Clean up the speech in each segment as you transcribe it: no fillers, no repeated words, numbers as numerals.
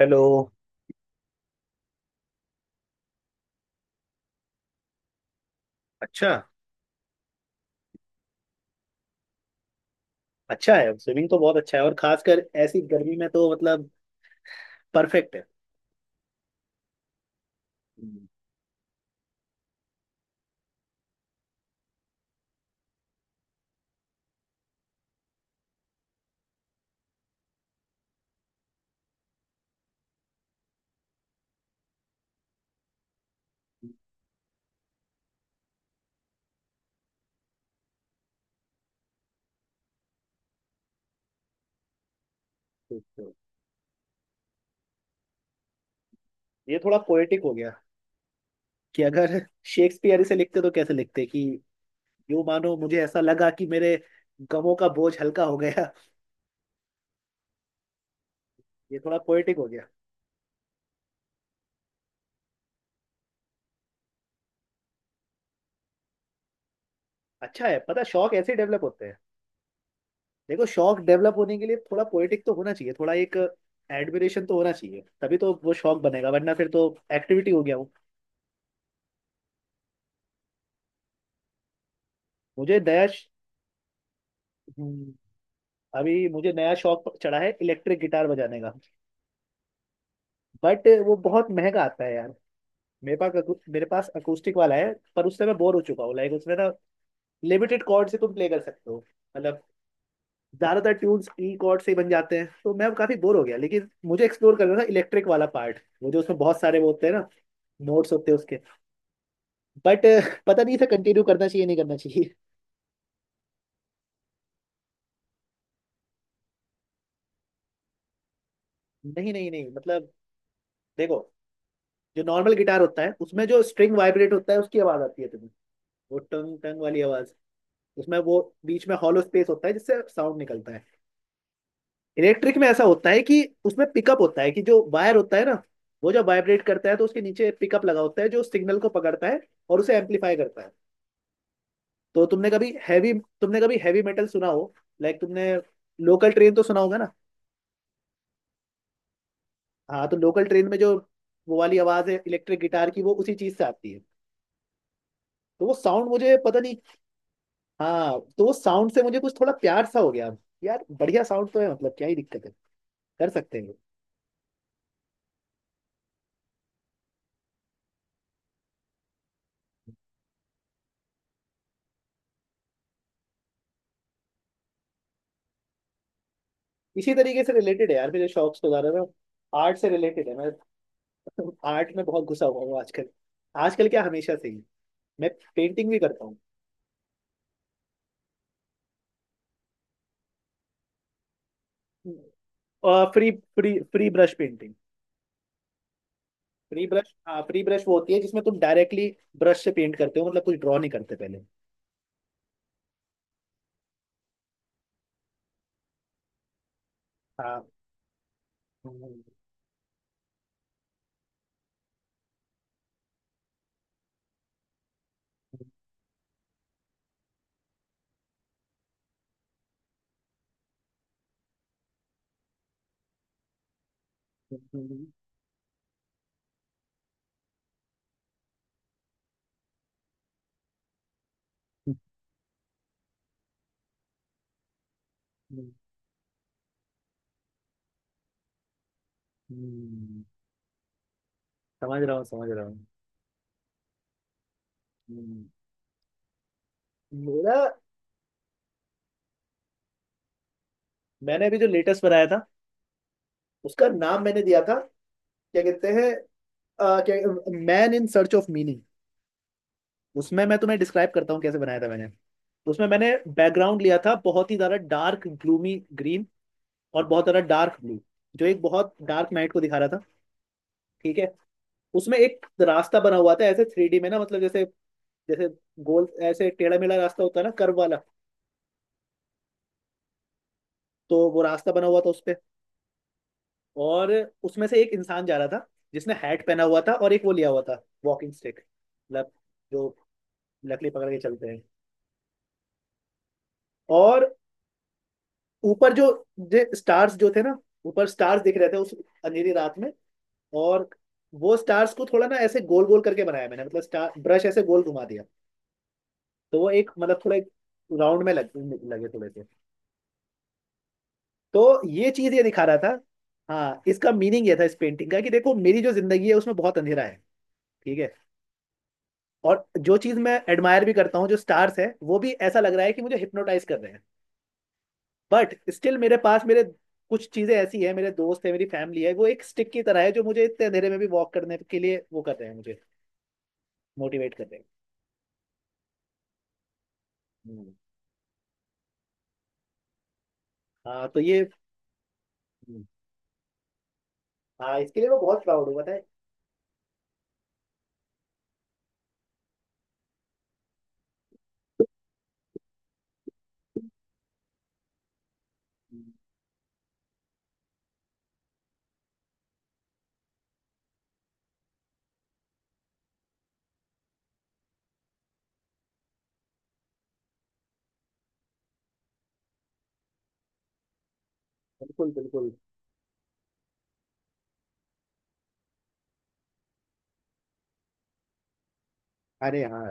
Hello. अच्छा। अच्छा है, स्विमिंग तो बहुत अच्छा है और खासकर ऐसी गर्मी में तो मतलब परफेक्ट है। हम्म, ठीक है। ये थोड़ा पोएटिक हो गया कि अगर शेक्सपियर इसे लिखते तो कैसे लिखते कि यूं मानो मुझे ऐसा लगा कि मेरे गमों का बोझ हल्का हो गया। ये थोड़ा पोएटिक हो गया। अच्छा है, पता शौक ऐसे डेवलप होते हैं। देखो, शौक डेवलप होने के लिए थोड़ा पोएटिक तो होना चाहिए, थोड़ा एक एडमिरेशन तो होना चाहिए, तभी तो वो शौक बनेगा, वरना फिर तो एक्टिविटी हो गया वो। मुझे दया। अभी मुझे नया शौक चढ़ा है, इलेक्ट्रिक गिटार बजाने का। बट वो बहुत महंगा आता है यार। मेरे पास अकूस्टिक वाला है पर उससे मैं बोर हो चुका हूँ। लाइक उसमें ना लिमिटेड कॉर्ड से तुम प्ले कर सकते हो। मतलब ज्यादातर ट्यून्स ई कॉर्ड से ही बन जाते हैं, तो मैं काफी बोर हो गया, लेकिन मुझे एक्सप्लोर करना था इलेक्ट्रिक वाला पार्ट। वो जो उसमें बहुत सारे वो होते हैं ना, नोट्स होते हैं उसके। बट पता नहीं इसे कंटिन्यू करना चाहिए नहीं करना चाहिए। नहीं नहीं नहीं, मतलब देखो, जो नॉर्मल गिटार होता है उसमें जो स्ट्रिंग वाइब्रेट होता है उसकी आवाज आती है तुम्हें, वो टंग टंग वाली आवाज। उसमें वो बीच में हॉलो स्पेस होता है जिससे साउंड निकलता है। इलेक्ट्रिक में ऐसा होता है कि उसमें पिकअप होता है कि जो वायर होता है ना, वो जब वाइब्रेट करता है तो उसके नीचे पिकअप लगा होता है जो सिग्नल को पकड़ता है और उसे एम्पलीफाई करता है। तो तुमने कभी हैवी मेटल सुना हो। लाइक तुमने लोकल ट्रेन तो सुना होगा ना। हाँ, तो लोकल ट्रेन में जो वो वाली आवाज है, इलेक्ट्रिक गिटार की वो उसी चीज से आती है। तो वो साउंड मुझे पता नहीं। हाँ, तो वो साउंड से मुझे कुछ थोड़ा प्यार सा हो गया। यार बढ़िया साउंड तो है, मतलब क्या ही दिक्कत है, कर सकते हैं। इसी तरीके से रिलेटेड है यार, मेरे शौक से ज्यादा ना आर्ट से रिलेटेड है। मैं आर्ट में बहुत घुसा हुआ हूँ आजकल। आजकल क्या, हमेशा से ही। मैं पेंटिंग भी करता हूँ। और free free free brush painting. Free brush, हाँ फ्री ब्रश वो होती है जिसमें तुम डायरेक्टली ब्रश से पेंट करते हो, मतलब कुछ ड्रॉ नहीं करते पहले। हाँ, समझ रहा हूँ समझ रहा हूँ। हम्म, मेरा मैंने अभी जो लेटेस्ट बनाया था उसका नाम मैंने दिया था, क्या कहते हैं, क्या, man in search of meaning. उसमें मैं तुम्हें डिस्क्राइब करता हूँ कैसे बनाया था मैंने। तो उसमें मैंने बैकग्राउंड लिया था बहुत ही ज्यादा डार्क ग्लूमी ग्रीन और बहुत ज्यादा डार्क ब्लू, जो एक बहुत डार्क नाइट को दिखा रहा था, ठीक है। उसमें एक रास्ता बना हुआ था ऐसे थ्री डी में ना, मतलब जैसे जैसे गोल ऐसे टेढ़ा मेढ़ा रास्ता होता है ना, कर्व वाला। तो वो रास्ता बना हुआ था उस पे, और उसमें से एक इंसान जा रहा था जिसने हैट पहना हुआ था और एक वो लिया हुआ था वॉकिंग स्टिक, मतलब जो लकड़ी पकड़ के चलते हैं। और ऊपर जो जे स्टार्स जो थे ना, ऊपर स्टार्स दिख रहे थे उस अंधेरी रात में। और वो स्टार्स को थोड़ा ना ऐसे गोल गोल करके बनाया मैंने, मतलब स्टार ब्रश ऐसे गोल घुमा दिया। तो वो एक मतलब थोड़ा एक राउंड में लगे थोड़े से। तो ये चीज ये दिखा रहा था। हाँ, इसका मीनिंग ये था इस पेंटिंग का कि देखो, मेरी जो जिंदगी है उसमें बहुत अंधेरा है, ठीक है। और जो चीज मैं एडमायर भी करता हूँ, जो स्टार्स है, वो भी ऐसा लग रहा है कि मुझे हिप्नोटाइज कर रहे हैं। बट स्टिल मेरे पास मेरे कुछ चीजें ऐसी है, मेरे दोस्त है, मेरी फैमिली है, वो एक स्टिक की तरह है जो मुझे इतने अंधेरे में भी वॉक करने के लिए वो कर रहे हैं, मुझे मोटिवेट कर रहे हैं। हम्म, हाँ तो ये। हम्म, हाँ इसके लिए मैं बहुत प्राउड हूँ, पता है। हम्म, बिल्कुल बिल्कुल। अरे हाँ।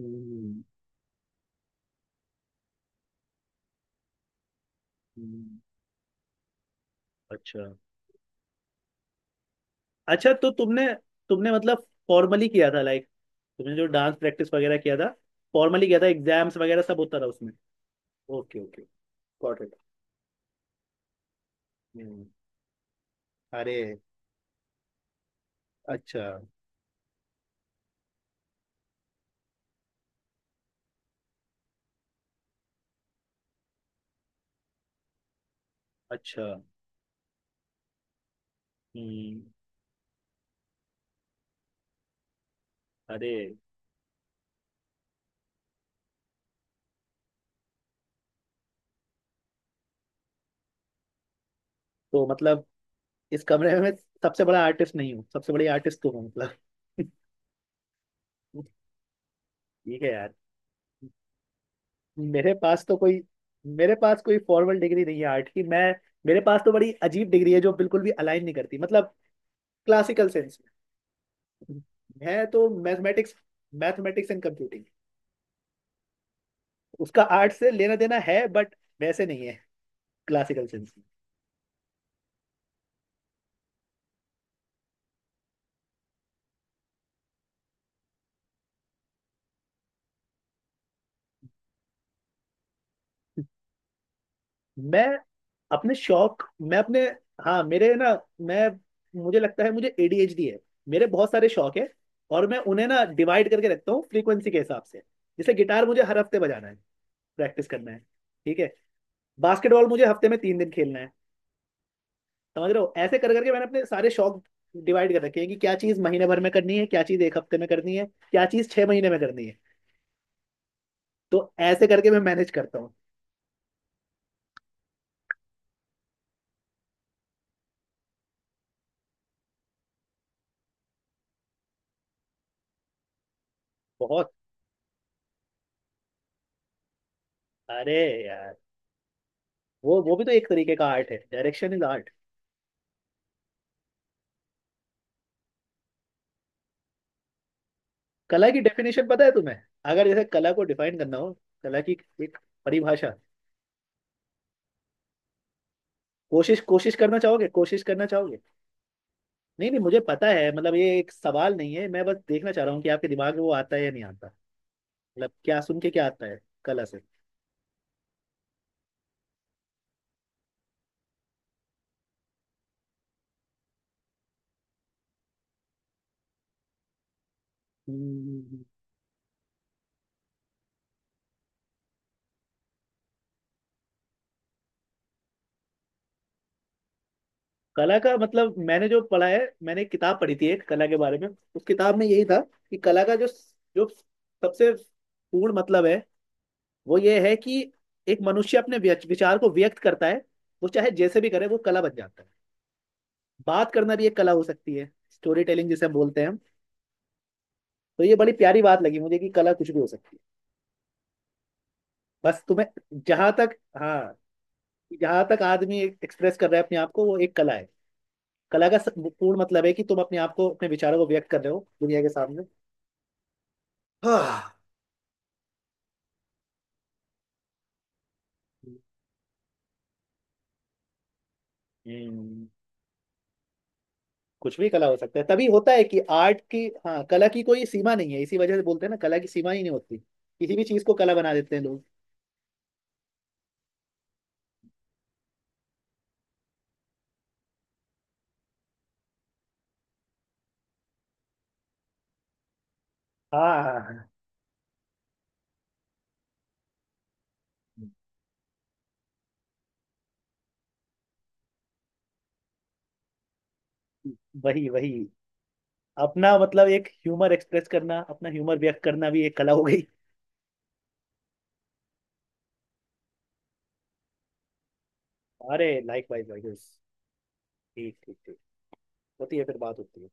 हम्म, हम्म। अच्छा। अच्छा तो तुमने तुमने मतलब फॉर्मली किया था, लाइक तुमने जो डांस प्रैक्टिस वगैरह किया था फॉर्मली किया था, एग्जाम्स वगैरह सब होता था उसमें। Okay okay. Got it. Hmm, अरे, अच्छा। अच्छा। हम्म। अरे। तो मतलब इस कमरे में मैं सबसे बड़ा आर्टिस्ट नहीं हूँ, सबसे बड़ी आर्टिस्ट तू हूँ मतलब। ठीक है यार। मेरे पास तो कोई, मेरे पास कोई फॉर्मल डिग्री नहीं है आर्ट की। मैं, मेरे पास तो बड़ी अजीब डिग्री है जो बिल्कुल भी अलाइन नहीं करती, मतलब क्लासिकल सेंस में। मैं तो मैथमेटिक्स, मैथमेटिक्स एंड कंप्यूटिंग। उसका आर्ट से लेना देना है, बट वैसे नहीं है क्लासिकल सेंस में। मैं अपने शौक, मैं अपने, हाँ मेरे ना, मैं, मुझे लगता है मुझे एडीएचडी है। मेरे बहुत सारे शौक है और मैं उन्हें ना डिवाइड करके रखता हूँ फ्रीक्वेंसी के हिसाब से। जैसे गिटार मुझे हर हफ्ते बजाना है, प्रैक्टिस करना है, ठीक है। बास्केटबॉल मुझे हफ्ते में तीन दिन खेलना है। समझ रहे हो, ऐसे कर करके मैंने अपने सारे शौक डिवाइड कर रखे हैं कि क्या चीज महीने भर में करनी है, क्या चीज एक हफ्ते में करनी है, क्या चीज छह महीने में करनी है। तो ऐसे करके मैं मैनेज करता हूँ। बहुत। अरे यार, वो भी तो एक तरीके का आर्ट है, डायरेक्शन इज आर्ट। कला की डेफिनेशन पता है तुम्हें, अगर जैसे कला को डिफाइन करना हो, कला की एक परिभाषा, कोशिश, कोशिश करना चाहोगे, कोशिश करना चाहोगे। नहीं नहीं, मुझे पता है, मतलब ये एक सवाल नहीं है, मैं बस देखना चाह रहा हूँ कि आपके दिमाग में वो आता है या नहीं आता। मतलब क्या सुन के क्या आता है कला से। हम्म, कला का मतलब मैंने जो पढ़ा है, मैंने एक किताब पढ़ी थी एक कला के बारे में, उस किताब में यही था कि कला का जो, जो सबसे पूर्ण मतलब है, वो ये है कि एक मनुष्य अपने विचार को व्यक्त करता है, वो चाहे जैसे भी करे वो कला बन जाता है। बात करना भी एक कला हो सकती है, स्टोरी टेलिंग जिसे हम बोलते हैं हम। तो ये बड़ी प्यारी बात लगी मुझे कि कला कुछ भी हो सकती है। बस तुम्हें, जहां तक, हाँ जहां तक आदमी एक्सप्रेस कर रहा है अपने आप को, वो एक कला है। कला का पूर्ण मतलब है कि तुम अपने आप को, अपने विचारों को व्यक्त कर रहे हो दुनिया के सामने। हाँ। हम्म, कुछ भी कला हो सकता है, तभी होता है कि आर्ट की, हाँ कला की कोई सीमा नहीं है। इसी वजह से बोलते हैं ना, कला की सीमा ही नहीं होती, किसी भी चीज को कला बना देते हैं लोग। हाँ, वही वही अपना मतलब एक ह्यूमर एक्सप्रेस करना, अपना ह्यूमर व्यक्त करना भी एक कला हो गई। अरे लाइक वाइज। ठीक ठीक ठीक। होती है, फिर बात होती है।